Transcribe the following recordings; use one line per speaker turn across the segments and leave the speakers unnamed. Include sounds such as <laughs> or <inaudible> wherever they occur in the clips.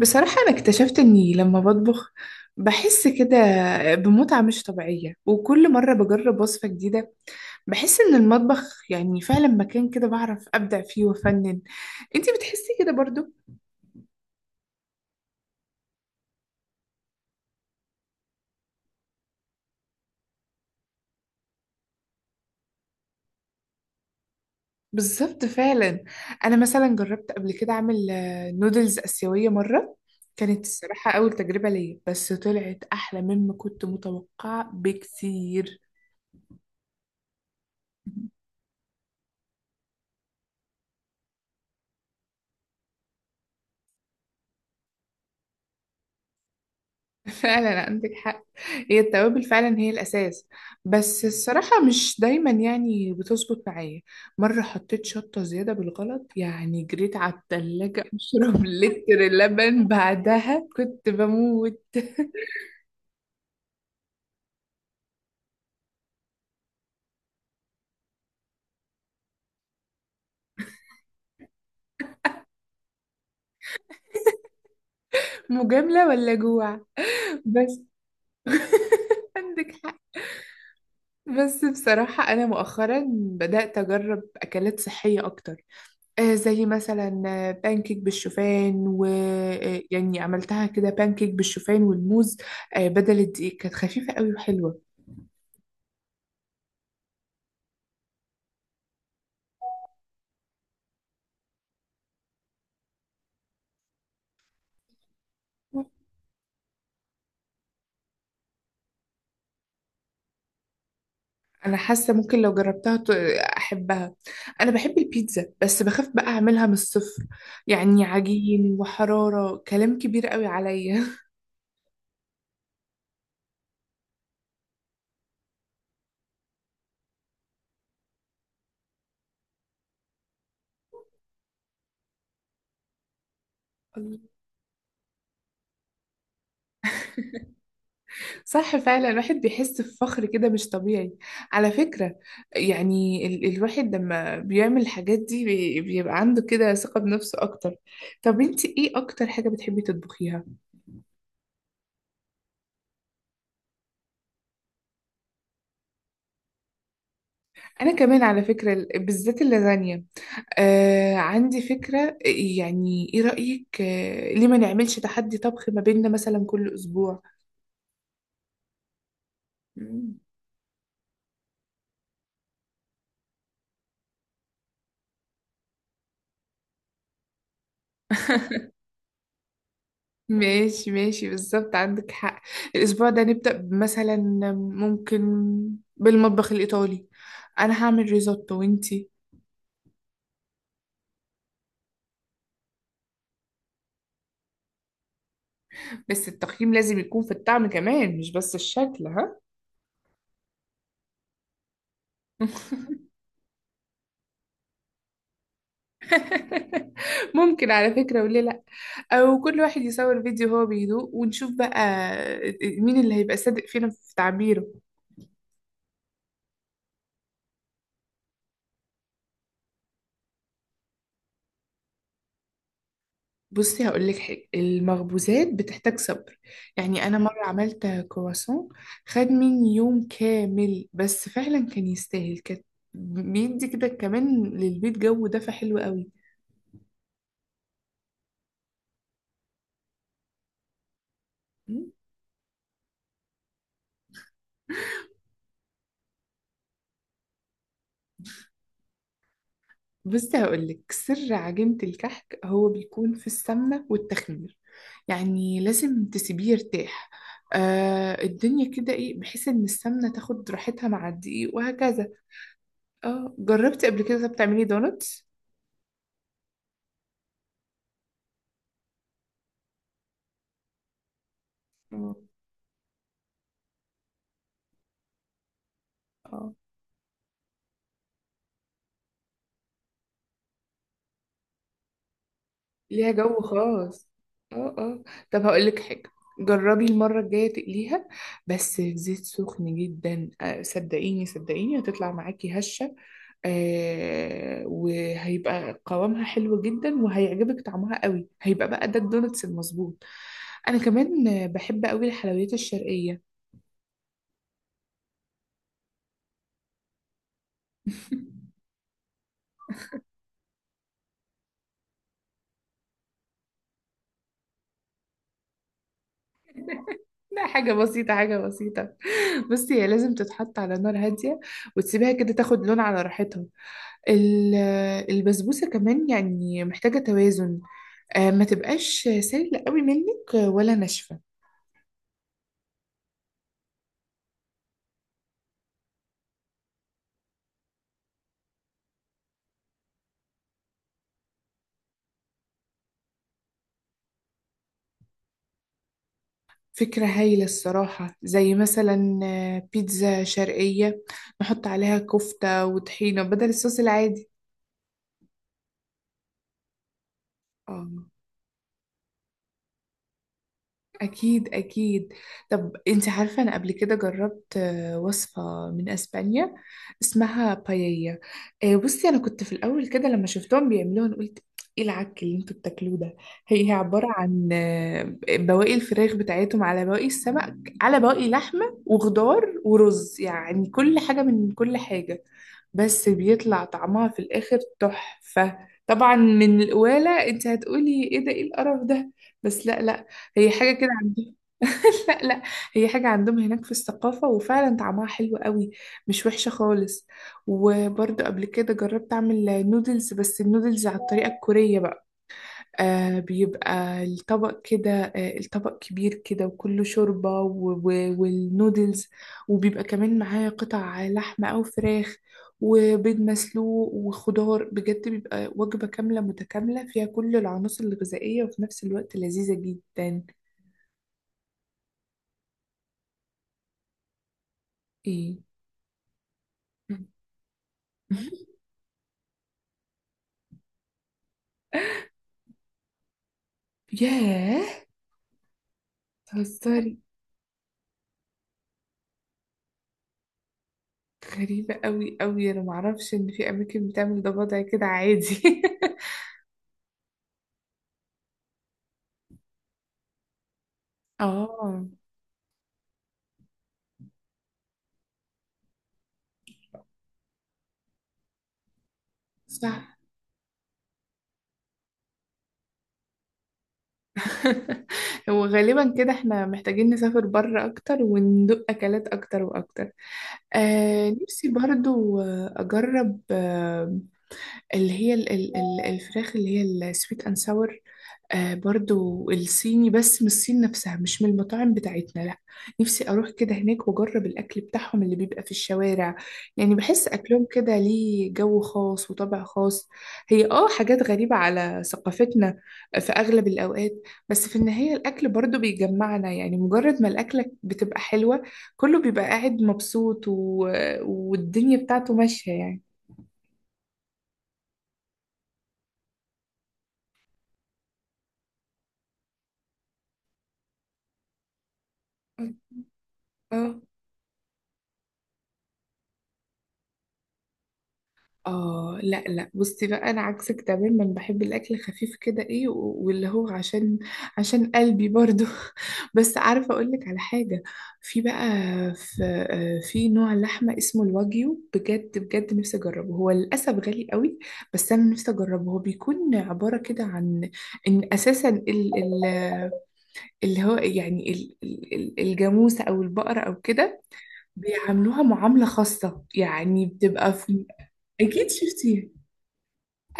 بصراحة أنا اكتشفت إني لما بطبخ بحس كده بمتعة مش طبيعية، وكل مرة بجرب وصفة جديدة بحس إن المطبخ فعلا مكان كده بعرف أبدع فيه وأفنن. أنتي بتحسي كده برضو؟ بالظبط فعلا. أنا مثلا جربت قبل كده أعمل نودلز آسيوية مرة، كانت الصراحة أول تجربة ليا بس طلعت أحلى مما كنت متوقعة بكثير. <laughs> فعلا عندك حق، هي التوابل فعلا هي الأساس، بس الصراحة مش دايما بتظبط معايا. مرة حطيت شطة زيادة بالغلط، يعني جريت على التلاجة أشرب <laughs> لتر لبن، بعدها كنت بموت. <laughs> مجاملة ولا جوع؟ بس <laughs> عندك حق. بس بصراحة أنا مؤخرا بدأت أجرب أكلات صحية أكتر، زي مثلا بانكيك بالشوفان و عملتها كده بانكيك بالشوفان والموز. بدل الدقيق كانت خفيفة قوي وحلوة. انا حاسة ممكن لو جربتها احبها. انا بحب البيتزا بس بخاف بقى اعملها من الصفر، يعني عجين وحرارة كلام كبير قوي عليا. <laughs> صح، فعلا الواحد بيحس بفخر كده مش طبيعي، على فكرة. يعني ال الواحد لما بيعمل الحاجات دي بيبقى عنده كده ثقة بنفسه أكتر. طب انتي ايه أكتر حاجة بتحبي تطبخيها؟ أنا كمان على فكرة بالذات اللازانيا. آه، عندي فكرة، ايه رأيك، آه، ليه ما نعملش تحدي طبخ ما بيننا مثلا كل أسبوع؟ مم. <laughs> ماشي ماشي، بالظبط عندك حق. الأسبوع ده نبدأ مثلا، ممكن، بالمطبخ الإيطالي. أنا هعمل ريزوتو وإنتي؟ بس التقييم لازم يكون في الطعم كمان، مش بس الشكل، ها. <laughs> ممكن على فكرة، وليه لأ؟ أو كل واحد يصور فيديو هو بيدوق ونشوف بقى مين اللي هيبقى صادق فينا في تعبيره. بصي هقول لك حاجه، المخبوزات بتحتاج صبر. يعني انا مره عملت كرواسون، خد مني يوم كامل، بس فعلا كان يستاهل، كان بيدي كده كمان للبيت جو دفى حلو قوي. مم. بصي هقول لك سر عجينه الكحك، هو بيكون في السمنه والتخمير، يعني لازم تسيبيه يرتاح. آه، الدنيا كده ايه، بحيث ان السمنه تاخد راحتها مع الدقيق وهكذا. اه، جربتي قبل كده بتعملي دونتس؟ اه، ليها جو خاص. اه اه. طب هقول لك حاجة، جربي المرة الجاية تقليها بس في زيت سخن جدا. صدقيني هتطلع معاكي هشة. وهيبقى قوامها حلو جدا وهيعجبك طعمها قوي، هيبقى بقى ده الدونتس المظبوط. انا كمان بحب قوي الحلويات الشرقية. <laughs> لا، حاجة بسيطة. بصي هي لازم تتحط على نار هادية وتسيبها كده تاخد لون على راحتها. ال- البسبوسة كمان محتاجة توازن، ما تبقاش سايلة قوي منك ولا ناشفة. فكرة هايلة الصراحة، زي مثلا بيتزا شرقية نحط عليها كفتة وطحينة بدل الصوص العادي. اه، أكيد أكيد. طب أنت عارفة، أنا قبل كده جربت وصفة من أسبانيا اسمها بايية. بصي أنا كنت في الأول كده لما شفتهم بيعملوها أنا قلت إيه العك اللي أنتوا بتاكلوه ده. هي عبارة عن بواقي الفراخ بتاعتهم على بواقي السمك على بواقي لحمة وخضار ورز، يعني كل حاجة من كل حاجة، بس بيطلع طعمها في الآخر تحفة. طبعا من القوالة أنت هتقولي إيه ده، إيه القرف ده، بس لا لا، هي حاجة كده عندهم. <laughs> لا لا، هي حاجة عندهم هناك في الثقافة، وفعلا طعمها حلو قوي، مش وحشة خالص. وبرضه قبل كده جربت أعمل نودلز، بس النودلز على الطريقة الكورية بقى. بيبقى الطبق كده، الطبق كبير كده وكله شوربة والنودلز، وبيبقى كمان معاه قطع لحمة أو فراخ وبيض مسلوق وخضار. بجد بيبقى وجبة كاملة متكاملة فيها كل العناصر الغذائية، وفي نفس الوقت لذيذة جدا. ايه؟ <laughs> ياه، بتهزري؟ غريبة قوي قوي، انا معرفش ان في اماكن بتعمل ده وضع كده عادي. <laughs> اه صح. <laughs> هو غالبا كده احنا محتاجين نسافر بره اكتر وندوق اكلات اكتر واكتر. آه، نفسي برضو اجرب اللي هي الفراخ اللي هي السويت اند ساور. آه، برضو الصيني بس من الصين نفسها، مش من المطاعم بتاعتنا لا. نفسي اروح كده هناك واجرب الاكل بتاعهم اللي بيبقى في الشوارع. يعني بحس اكلهم كده ليه جو خاص وطبع خاص. هي اه حاجات غريبة على ثقافتنا في اغلب الاوقات، بس في النهاية الاكل برضو بيجمعنا، يعني مجرد ما الاكلة بتبقى حلوة كله بيبقى قاعد مبسوط والدنيا بتاعته ماشية يعني. اه اه. لا لا، بصي بقى انا عكسك تماما، بحب الاكل خفيف كده، واللي هو عشان قلبي برضو. <laughs> بس عارفه اقول لك على حاجه، في بقى في آه، في نوع لحمه اسمه الواجيو، بجد بجد نفسي اجربه، هو للاسف غالي قوي، بس انا نفسي اجربه. هو بيكون عباره كده عن ان اساسا ال ال اللي هو الجاموسه او البقره او كده بيعاملوها معامله خاصه، يعني بتبقى في. اكيد شفتيها،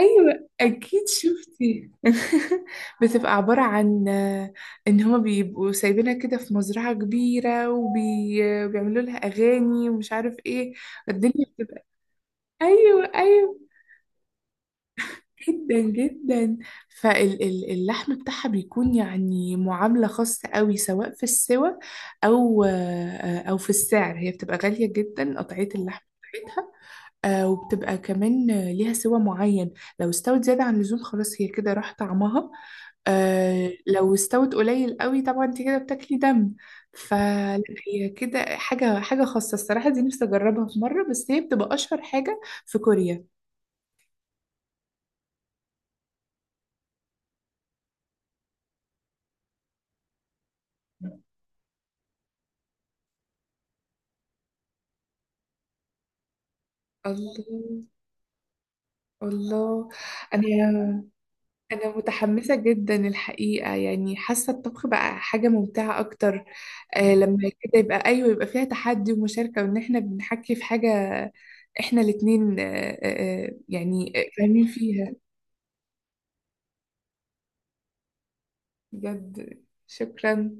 ايوه اكيد شفتي. <laughs> بتبقى عباره عن ان هما بيبقوا سايبينها كده في مزرعه كبيره وبيعملوا لها اغاني ومش عارف ايه، الدنيا بتبقى. ايوه ايوه، جدا جدا. فاللحم بتاعها بيكون يعني معامله خاصه قوي، سواء في السوى او في السعر، هي بتبقى غاليه جدا قطعيه اللحم بتاعتها. وبتبقى كمان ليها سوى معين، لو استوت زيادة عن اللزوم خلاص هي كده راح طعمها. آه لو استوت قليل قوي طبعا انت كده بتاكلي دم، فلا. هي كده حاجة خاصة الصراحة، دي نفسي أجربها في مرة، بس هي بتبقى أشهر حاجة في كوريا. الله الله. أنا أنا متحمسة جدا الحقيقة، يعني حاسة الطبخ بقى حاجة ممتعة أكتر. آه، لما كده يبقى أيوة، يبقى فيها تحدي ومشاركة وإن إحنا بنحكي في حاجة إحنا الاتنين. يعني فاهمين فيها. بجد شكرا.